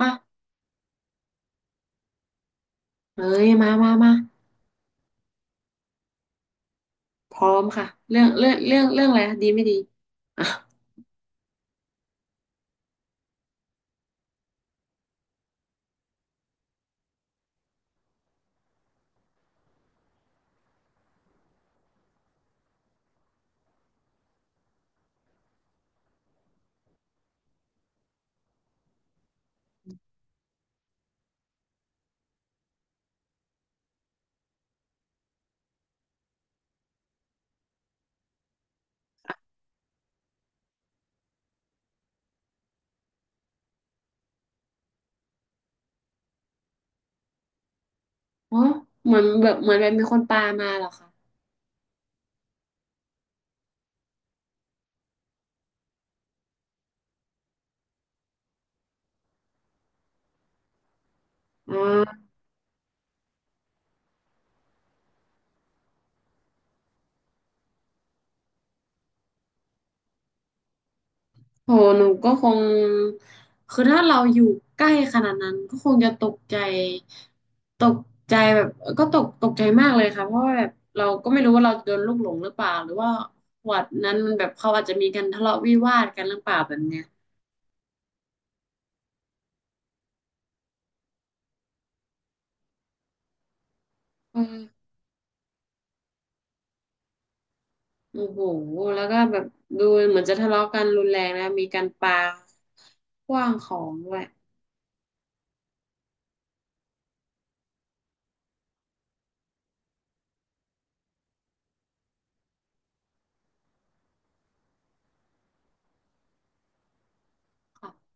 อ่ะเอ้ย มามามาพร้อมค่ะ เรื่องอะไรคะดี ไม่ดีอ่ะโอ้เหมือนแบบเหมือนแบบมีคนปามาเหรอคะอ๋อโหหนูก็คงคือถ้าเราอยู่ใกล้ขนาดนั้นก็คงจะตกใจตกใจแบบก็ตกใจมากเลยค่ะเพราะว่าแบบเราก็ไม่รู้ว่าเราโดนลูกหลงหรือเปล่าหรือว่าวัดนั้นมันแบบเขาอาจจะมีการทะเลาะวิวาทกันหรือเปล่าแบบเนี้ยเออ โอ้โหแล้วก็แบบดูเหมือนจะทะเลาะกันรุนแรงนะมีการปาขว้างของด้วยค่ะ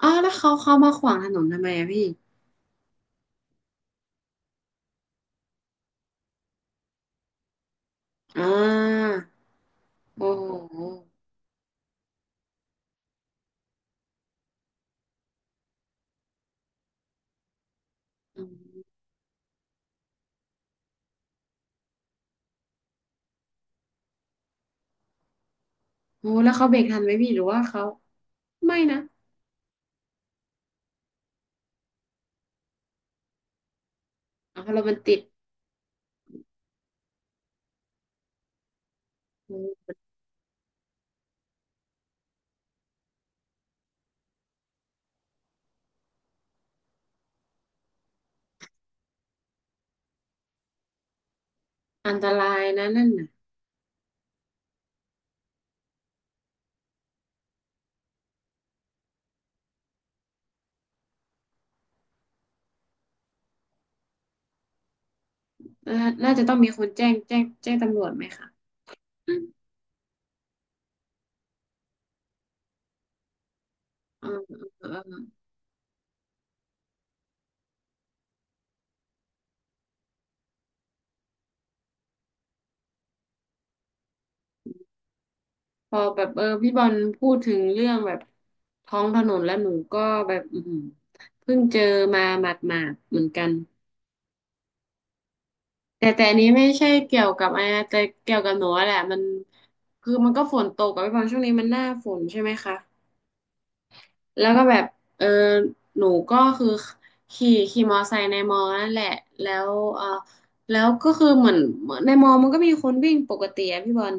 อ๋อแล้วเขามาขวางถนนทำไมอะพี่อ่าโอ้โหอืมโอ้แล้วเขาเบรกทันไหมพี่หรือว่าเขา ไม่นะอ๋อรถมันติดอมอันตรายนะนั่นน่ะน่าน่าจะต้องมีคนแจ้งตำรวจไหมคะอืมอ่า พอแบบเออพี่บอลพูดถึงเรื่องแบบท้องถนนแล้วหนูก็แบบอืมเพิ่งเจอมาหมาดๆเหมือนกันแต่แต่อันนี้ไม่ใช่เกี่ยวกับอะไรนะแต่เกี่ยวกับหนูอะแหละมันคือมันก็ฝนตกกับพี่บอลช่วงนี้มันหน้าฝนใช่ไหมคะแล้วก็แบบเออหนูก็คือขี่มอไซค์ในมอนั่นแหละแล้วเออแล้วก็คือเหมือนเหมือนในมอมันก็มีคนวิ่งปกติอะพี่บอล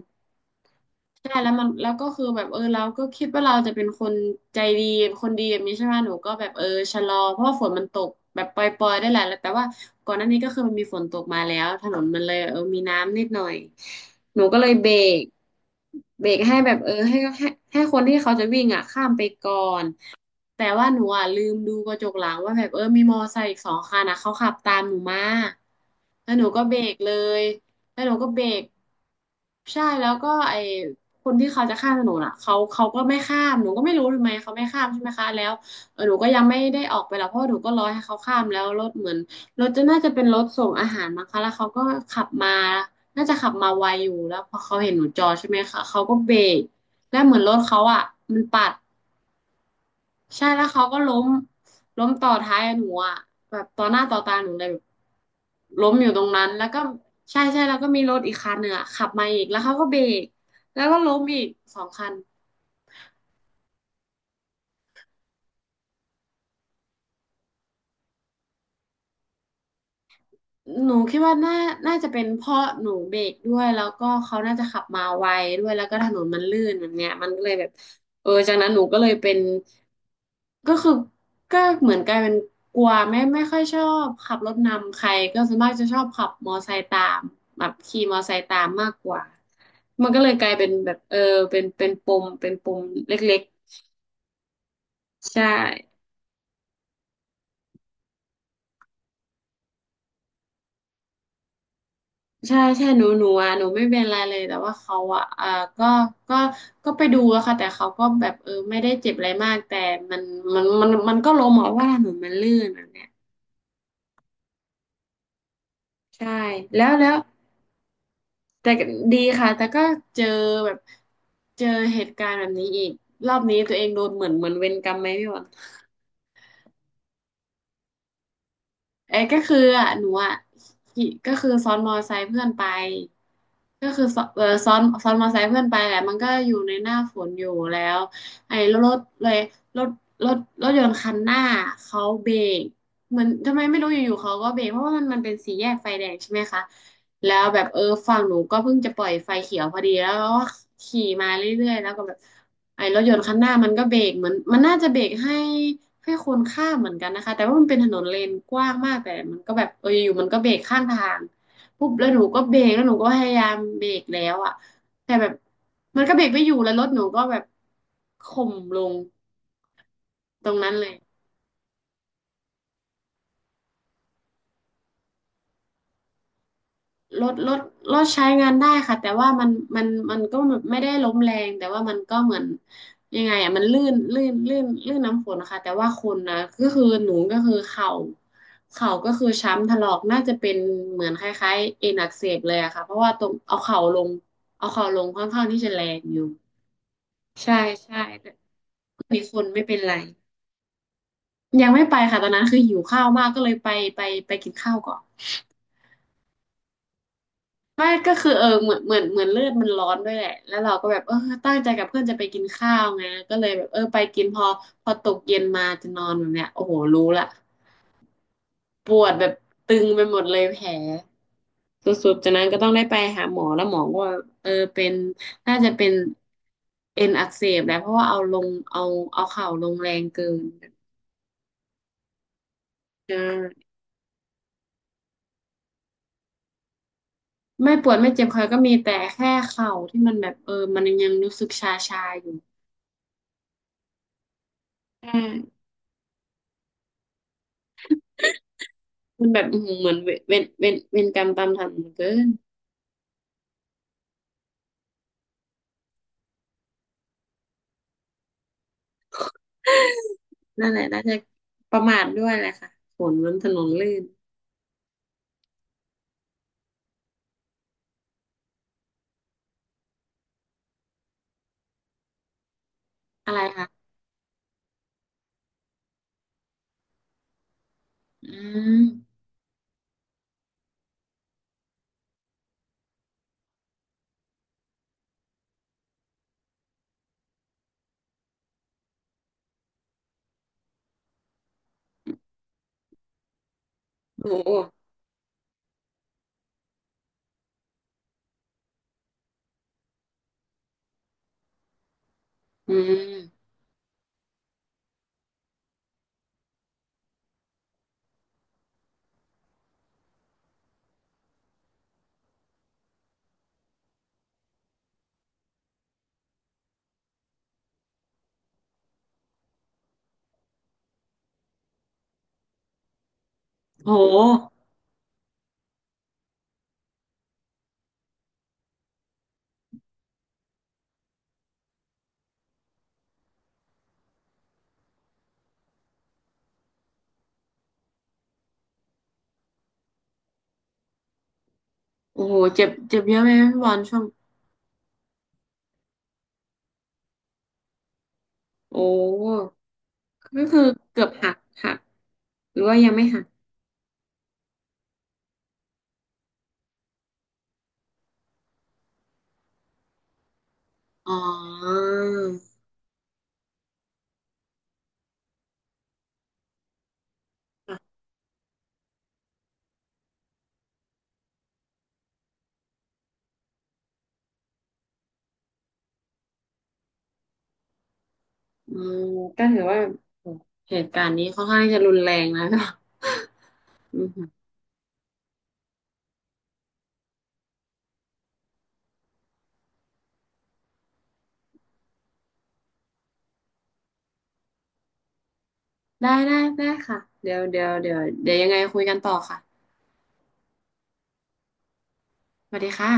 ใช่แล้วมันแล้วก็คือแบบเออเราก็คิดว่าเราจะเป็นคนใจดีคนดีแบบนี้ใช่ไหมหนูก็แบบเออชะลอเพราะว่าฝนมันตกแบบปล่อยๆได้แหละแต่ว่าก่อนหน้านี้ก็คือมันมีฝนตกมาแล้วถนนมันเลยเออมีน้ำนิดหน่อยหนูก็เลยกเบรกให้แบบเออให้คนที่เขาจะวิ่งอ่ะข้ามไปก่อนแต่ว่าหนูอ่ะลืมดูกระจกหลังว่าแบบเออมีมอไซค์อีกสองคันนะเขาขับตามหนูมาแล้วหนูก็เบรกเลยแล้วหนูก็เบรกใช่แล้วก็ไอ คนที่เขาจะข้ามถนนอ่ะเขาก็ไม่ข้ามหนูก็ไม่รู้ทำไมเขาไม่ข้ามใช่ไหมคะแล้วเออหนูก็ยังไม่ได้ออกไปหรอกเพราะว่าหนูก็รอให้เขาข้ามแล้วรถเหมือนรถจะน่าจะเป็นรถส่งอาหารมั้งคะแล้วเขาก็ขับมาน่าจะขับมาไวอยู่แล้วพอเขาเห็นหนูจอดใช่ไหมคะเขาก็เบรกแล้วเหมือนรถเขาอ่ะมันปัดใช่แล้วเขาก็ล้มต่อท้ายหนูอ่ะแบบต่อหน้าต่อตาหนูเลยแบบล้มอยู่ตรงนั้นแล้วก็ใช่แล้วก็มีรถอีกคันหนึ่งอ่ะขับมาอีกแล้วเขาก็เบรกแล้วก็ล้มอีกสองคัน หนูคิดว่าน่าน่าจะเป็นเพราะหนูเบรกด้วยแล้วก็เขาน่าจะขับมาไวด้วย แล้วก็ถนนมันลื่นแบบเนี้ยมันก็เลยแบบเออจากนั้นหนูก็เลยเป็นก็คือก็เหมือนกลายเป็นกลัวไม่ค่อยชอบขับรถนำใครก็ส่วนมากจะชอบขับมอไซค์ตามแบบขี่มอไซค์ตามมากกว่ามันก็เลยกลายเป็นแบบเออเป็นปมเป็นปมเล็กๆใช่ ใช่ใช่หนูอ่ะหนูไม่เป็นไรเลยแต่ว่าเขาอ่ะอ่าก็ก็ก็ไปดูอะค่ะแต่เขาก็แบบเออไม่ได้เจ็บอะไรมากแต่มันมันก็ล้มอะว่าถนนมันลื่นอะเนี่ยใช่แล้วแต่ดีค่ะแต่ก็เจอแบบเจอเหตุการณ์แบบนี้อีกรอบนี้ตัวเองโดนเหมือนเหมือนเวรกรรมไหมพี่หวน เอ้ยก็คืออ่ะหนูอ่ะขี่ก็คือซ้อนมอไซค์เพื่อนไปก็คือซ้อนเออซ้อนมอไซค์เพื่อนไปแหละมันก็อยู่ในหน้าฝนอยู่แล้วไอ้รถเลยรถรถรถยนต์คันหน้าเขาเบรกเหมือนทำไมไม่รู้อยู่ๆเขาก็เบรกเพราะว่ามันเป็นสี่แยกไฟแดงใช่ไหมคะแล้วแบบเออฝั่งหนูก็เพิ่งจะปล่อยไฟเขียวพอดีแล้วก็ขี่มาเรื่อยๆแล้วก็แบบไอ้รถยนต์คันหน้ามันก็เบรกเหมือนมันน่าจะเบรกให้ แค่คนข้ามเหมือนกันนะคะแต่ว่ามันเป็นถนนเลนกว้างมากแต่มันก็แบบเอออยู่ๆมันก็เบรกข้างทางปุ๊บแล้วหนูก็เบรกแล้วหนูก็พยายามเบรกแล้วอ่ะแต่แบบมันก็เบรกไม่อยู่แล้วรถหนูก็แบบข่มลงตรงนั้นเลย รถรถรถใช้งานได้ค่ะแต่ว่ามันมันก็ไม่ได้ล้มแรงแต่ว่ามันก็เหมือนยังไงอ่ะมันลื่นน้ำฝนนะคะแต่ว่าคนนะก็คือหนูก็คือเข่าก็คือช้ำถลอกน่าจะเป็นเหมือนคล้ายๆเอ็นอักเสบเลยอะค่ะเพราะว่าตรงเอาเข่าลงค่อนข้างที่จะแรงอยู่ใช่ใช่แต่มีคนไม่เป็นไรยังไม่ไปค่ะตอนนั้นคือหิวข้าวมากก็เลยไปไปกินข้าวก่อน ไม่ก็คือเออเหมือนเลือดมันร้อนด้วยแหละแล้วเราก็แบบเออตั้งใจกับเพื่อนจะไปกินข้าวไงก็เลยแบบเออไปกินพอตกเย็นมาจะนอนแบบเนี้ยโอ้โหรู้ละปวดแบบตึงไปหมดเลยแผลสุดๆจากนั้นก็ต้องได้ไปหาหมอแล้วหมอก็ว่าเออเป็นน่าจะเป็นเอ็นอักเสบแหละเพราะว่าเอาเข่าลงแรงเกินใช่ไม่ปวดไม่เจ็บคอก็มีแต่แค่เข่าที่มันแบบเออมันยังรู้สึกชาๆอยู่ใช่ มันแบบอื้อหือเหมือนเวนกรรมตามทันเหลือเกินนั่นแหละน่าจะประมาทด้วยแหละค่ะฝนมันถนนลื่นอะไรคะอืมโอ้โหอืมโหโอ้โหเจ็บเจ็บเยอะไหมพี่บอลช่วงโอ้ก็คือเกือบหักหักหรือว่ายังไม่หักอ๋อค่ะอืมก็ถือว่าโอ้เหตุการณ์นี้ค่อนข้างจะรุนแรงนะก็ อืมได้ค่ะเดี๋ยวยังไงคุยกันต่อค่ะสวัสดีค่ะ